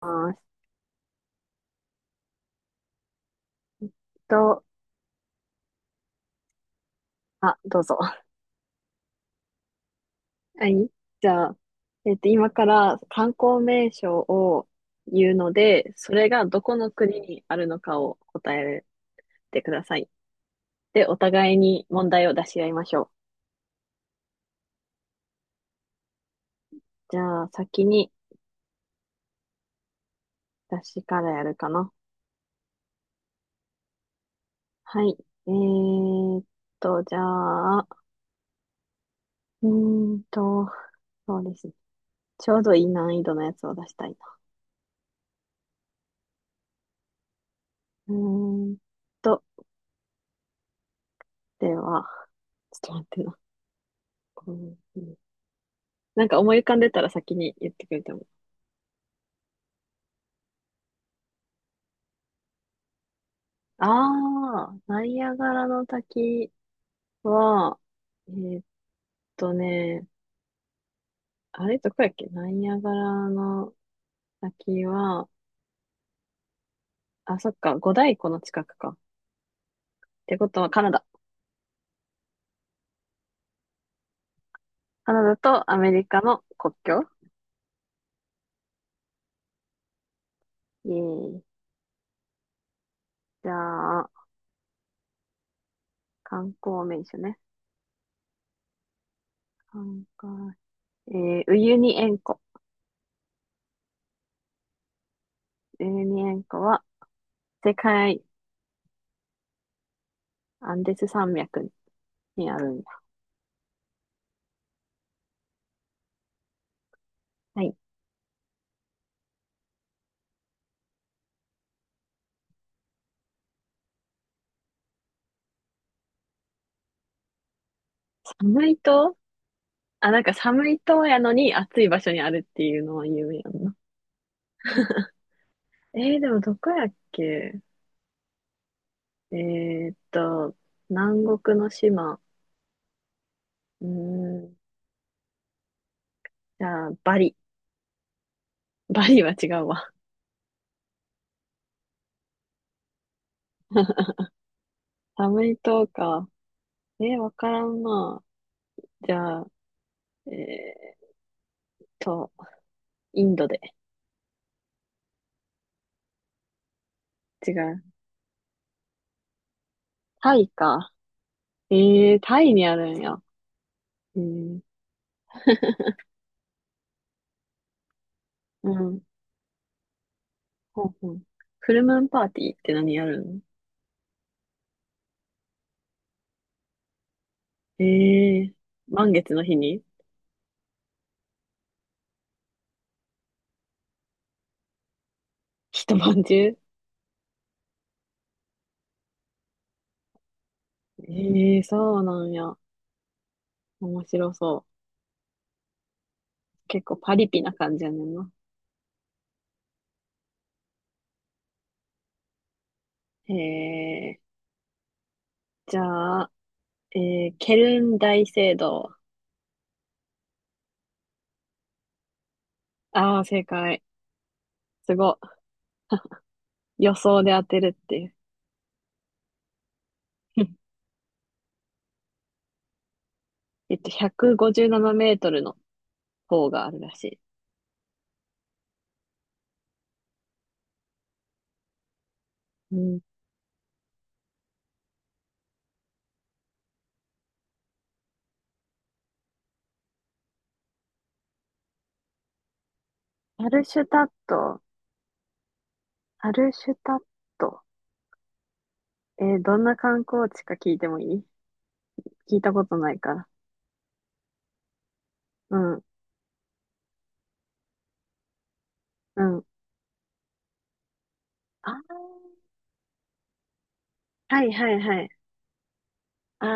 ます。と、あ、どうぞ。はい。じゃあ、今から観光名所を言うので、それがどこの国にあるのかを答えてください。で、お互いに問題を出し合いましょう。じゃあ、先に私からやるかな。はい。えーっじゃあ、うーんと、そうですね。ちょうどいい難易度のやつを出したいな。うーんと、では、ちょっと待ってな。こうなんか思い浮かんでたら先に言ってくれても。ああ、ナイアガラの滝は、えーっとね、あれどこやっけ、ナイアガラの滝は、あ、そっか、五大湖の近くか。ってことはカナダ。カナダとアメリカの国境。えー、じゃあ、観光名所ね。観光、えウユニ塩湖。ウユニ塩湖は世界、アンデス山脈にあるんだ。はい。寒いと、あ、なんか寒いとやのに暑い場所にあるっていうのは有名やんな。でもどこやっけ。えーっと、南国の島。うーん、じゃあ、バリ。バリは違うわ。寒い島か。わからんな。じゃあ、えーっと、インドで。違う。タイか。えタイにあるんや。えー、うん、ほんほん。フルムーンパーティーって何やるの？えー、満月の日に一晩中？ええ、そうなんや。面白そう。結構パリピな感じやねんな。へえ。じゃあ、えケルン大聖堂。ああ、正解。すごい。予想で当てるっていう。157メートルの方があるらしい。うん。アルシュタット。アルシュタット。どんな観光地か聞いてもいい？聞いたことないから。うん、うん。ああ、はいはいはい。あ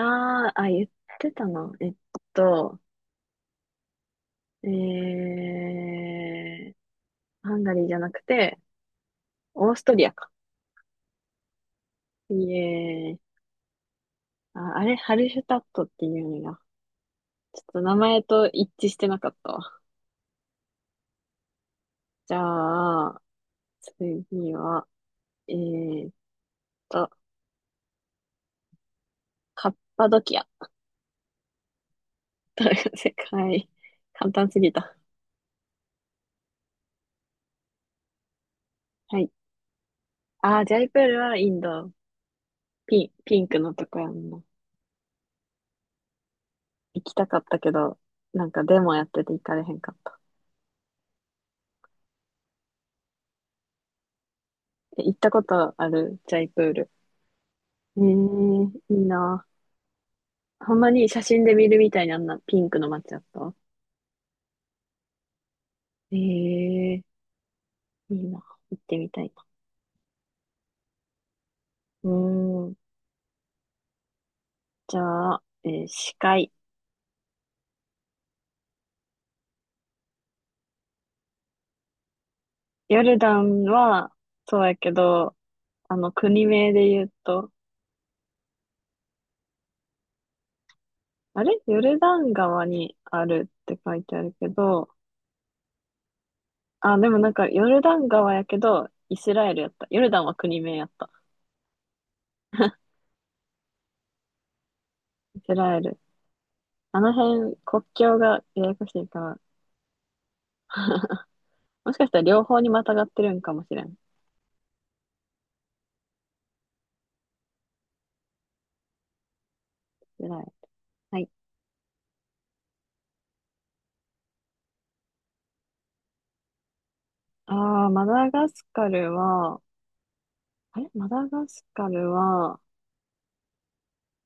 あ、あ、言ってたな。と、えー、ハンガリーじゃなくて、オーストリアか。いえー、あ、あれ、ハルシュタットっていうんだ。ちょっと名前と一致してなかったわ。じゃあ、次は、えーっと、カッパドキア。世界。簡単すぎた。はい。あー、ジャイプールはインド。ピンクのとこやんな。行きたかったけど、なんかデモやってて行かれへんかった。え、行ったことあるジャイプール？えー、いいなぁ。ほんまに写真で見るみたいにあんなピンクの街だった？ええ、いいな。行ってみたいな。うーん。じゃあ、司会。ヨルダンは、そうやけど、国名で言うと、あれヨルダン川にあるって書いてあるけど、あ、でもなんか、ヨルダン川やけど、イスラエルやった。ヨルダンは国名やった。イスラエル。あの辺、国境がややこしいから、もしかしたら両方にまたがってるんかもしれん。イスラエル。はい。ああ、マダガスカルは、あれマダガスカルは、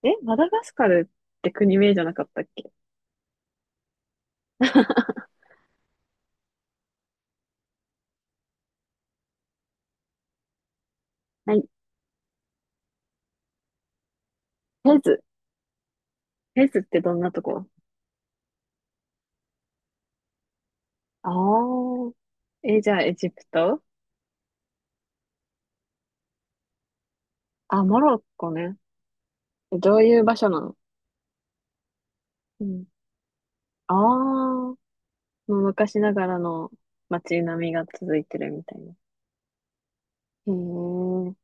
マダガスカルって国名じゃなかったっけ？はい。フェズ。フェズってどんなとこ？ああー。え、じゃあエジプト？あ、モロッコね。どういう場所なの？うん。ああ、もう昔ながらの街並みが続いてるみたいな。へえ、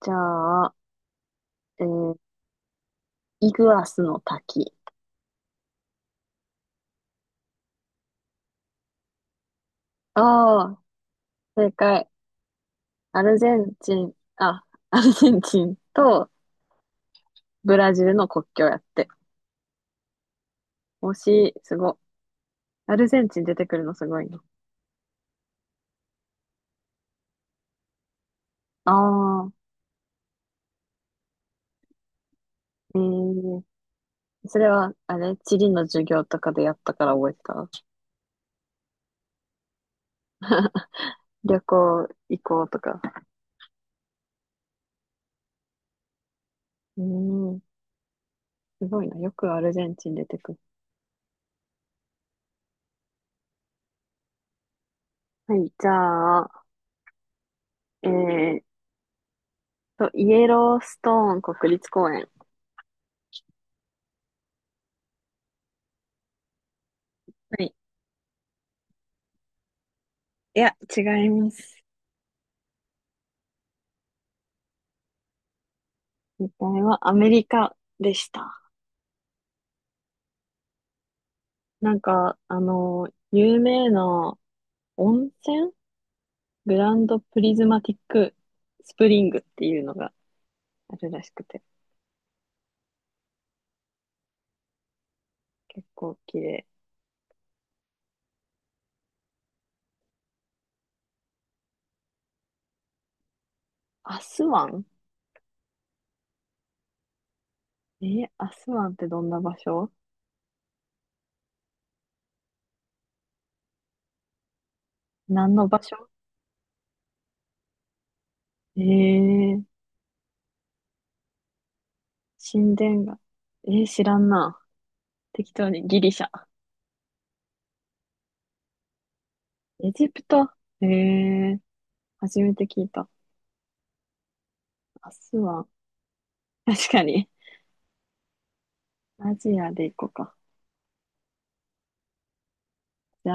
じゃあ、えーイグアスの滝。ああ、正解。アルゼンチン、あ、アルゼンチンとブラジルの国境やって。推し、すご。アルゼンチン出てくるのすごいな。ああ、ええ、それは、地理の授業とかでやったから覚えてた？旅行行こうとか。うーん、すごいな。よくアルゼンチン出てくる。はい、じゃあ、えーイエローストーン国立公園。はい。いや、違います。実際はアメリカでした。なんか、有名な温泉、グランドプリズマティックスプリングっていうのがあるらしくて、結構綺麗。アスワン？アスワンってどんな場所？何の場所？えー、神殿が。知らんな。適当にギリシャ。エジプト？えー、初めて聞いた。アスワン。確かに。アジアで行こうか。じゃ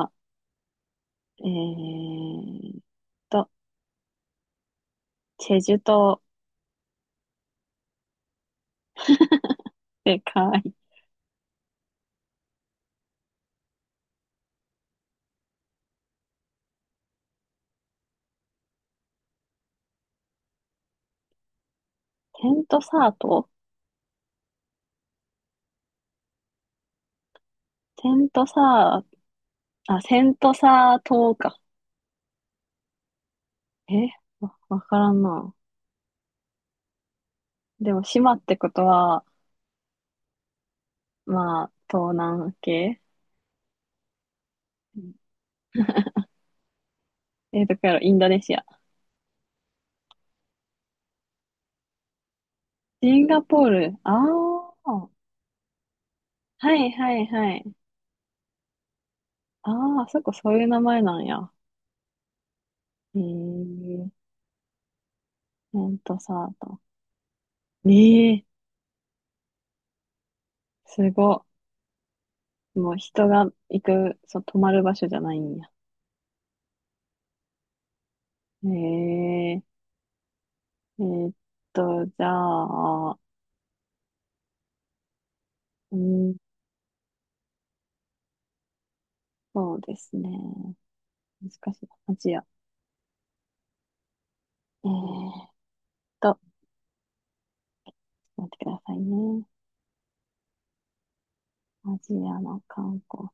あ、えーっと、チェジュ島。でかい。テントサート。テントサー、あ、セントサー島か。えわ、わからんな。でも、島ってことは、まあ、東南系。うん。どこやろ、インドネシア。シンガポール。ああ、はいはいはい。ああ、あそこそういう名前なんや。えー、セントサー島。ええ、すごっ。もう人が行く、そう、泊まる場所じゃないんや。ええ。えーっじゃあ、うん、そうですね。難しいな、アジア。えーっちょっと待ってくださいね。アジアの観光。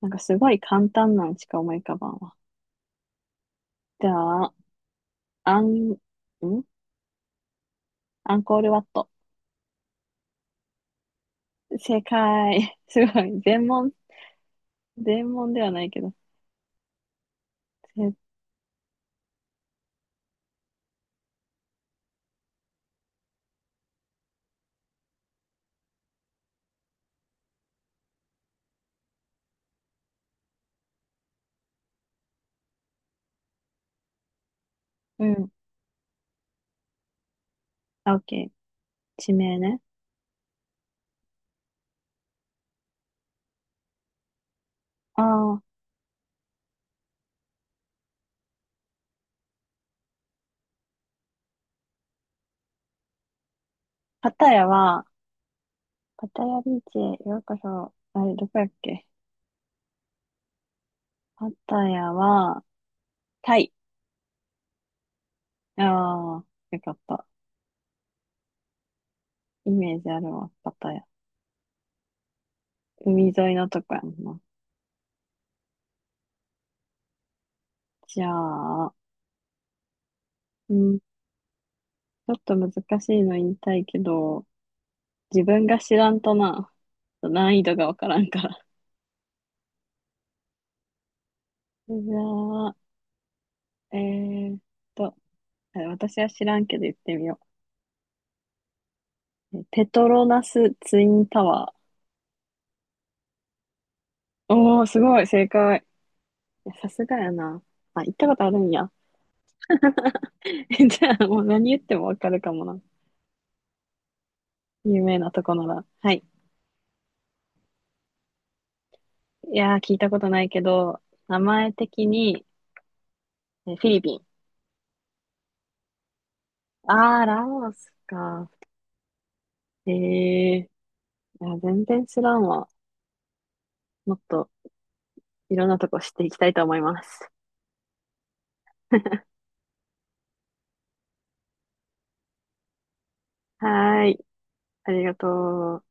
なんかすごい簡単なのしか思い浮かばんわ。じゃあ、アン、んアンコールワット。正解。すごい。全問、全問ではないけど。せうん。あ、オッケー。地名ね。ああ、パタヤは、パタヤビーチへようこそ。あれ、どこやっけ。パタヤは、タイ。ああ、よかった。イメージあるわ、パタヤ。海沿いのとこやんな。じゃあ、うん、ちょっと難しいの言いたいけど、自分が知らんとな、難易度がわからんから。じゃあ、えーっと、私は知らんけど言ってみよう。ペトロナスツインタワー。おー、すごい、正解。いやさすがやな。あ、行ったことあるんや。じゃあ、もう何言ってもわかるかもな。有名なとこなら。はい。いやー、聞いたことないけど、名前的に、フィリピン。あー、ラオスか。えー、いや、全然知らんわ。もっといろんなとこ知っていきたいと思います。はーい。ありがとう。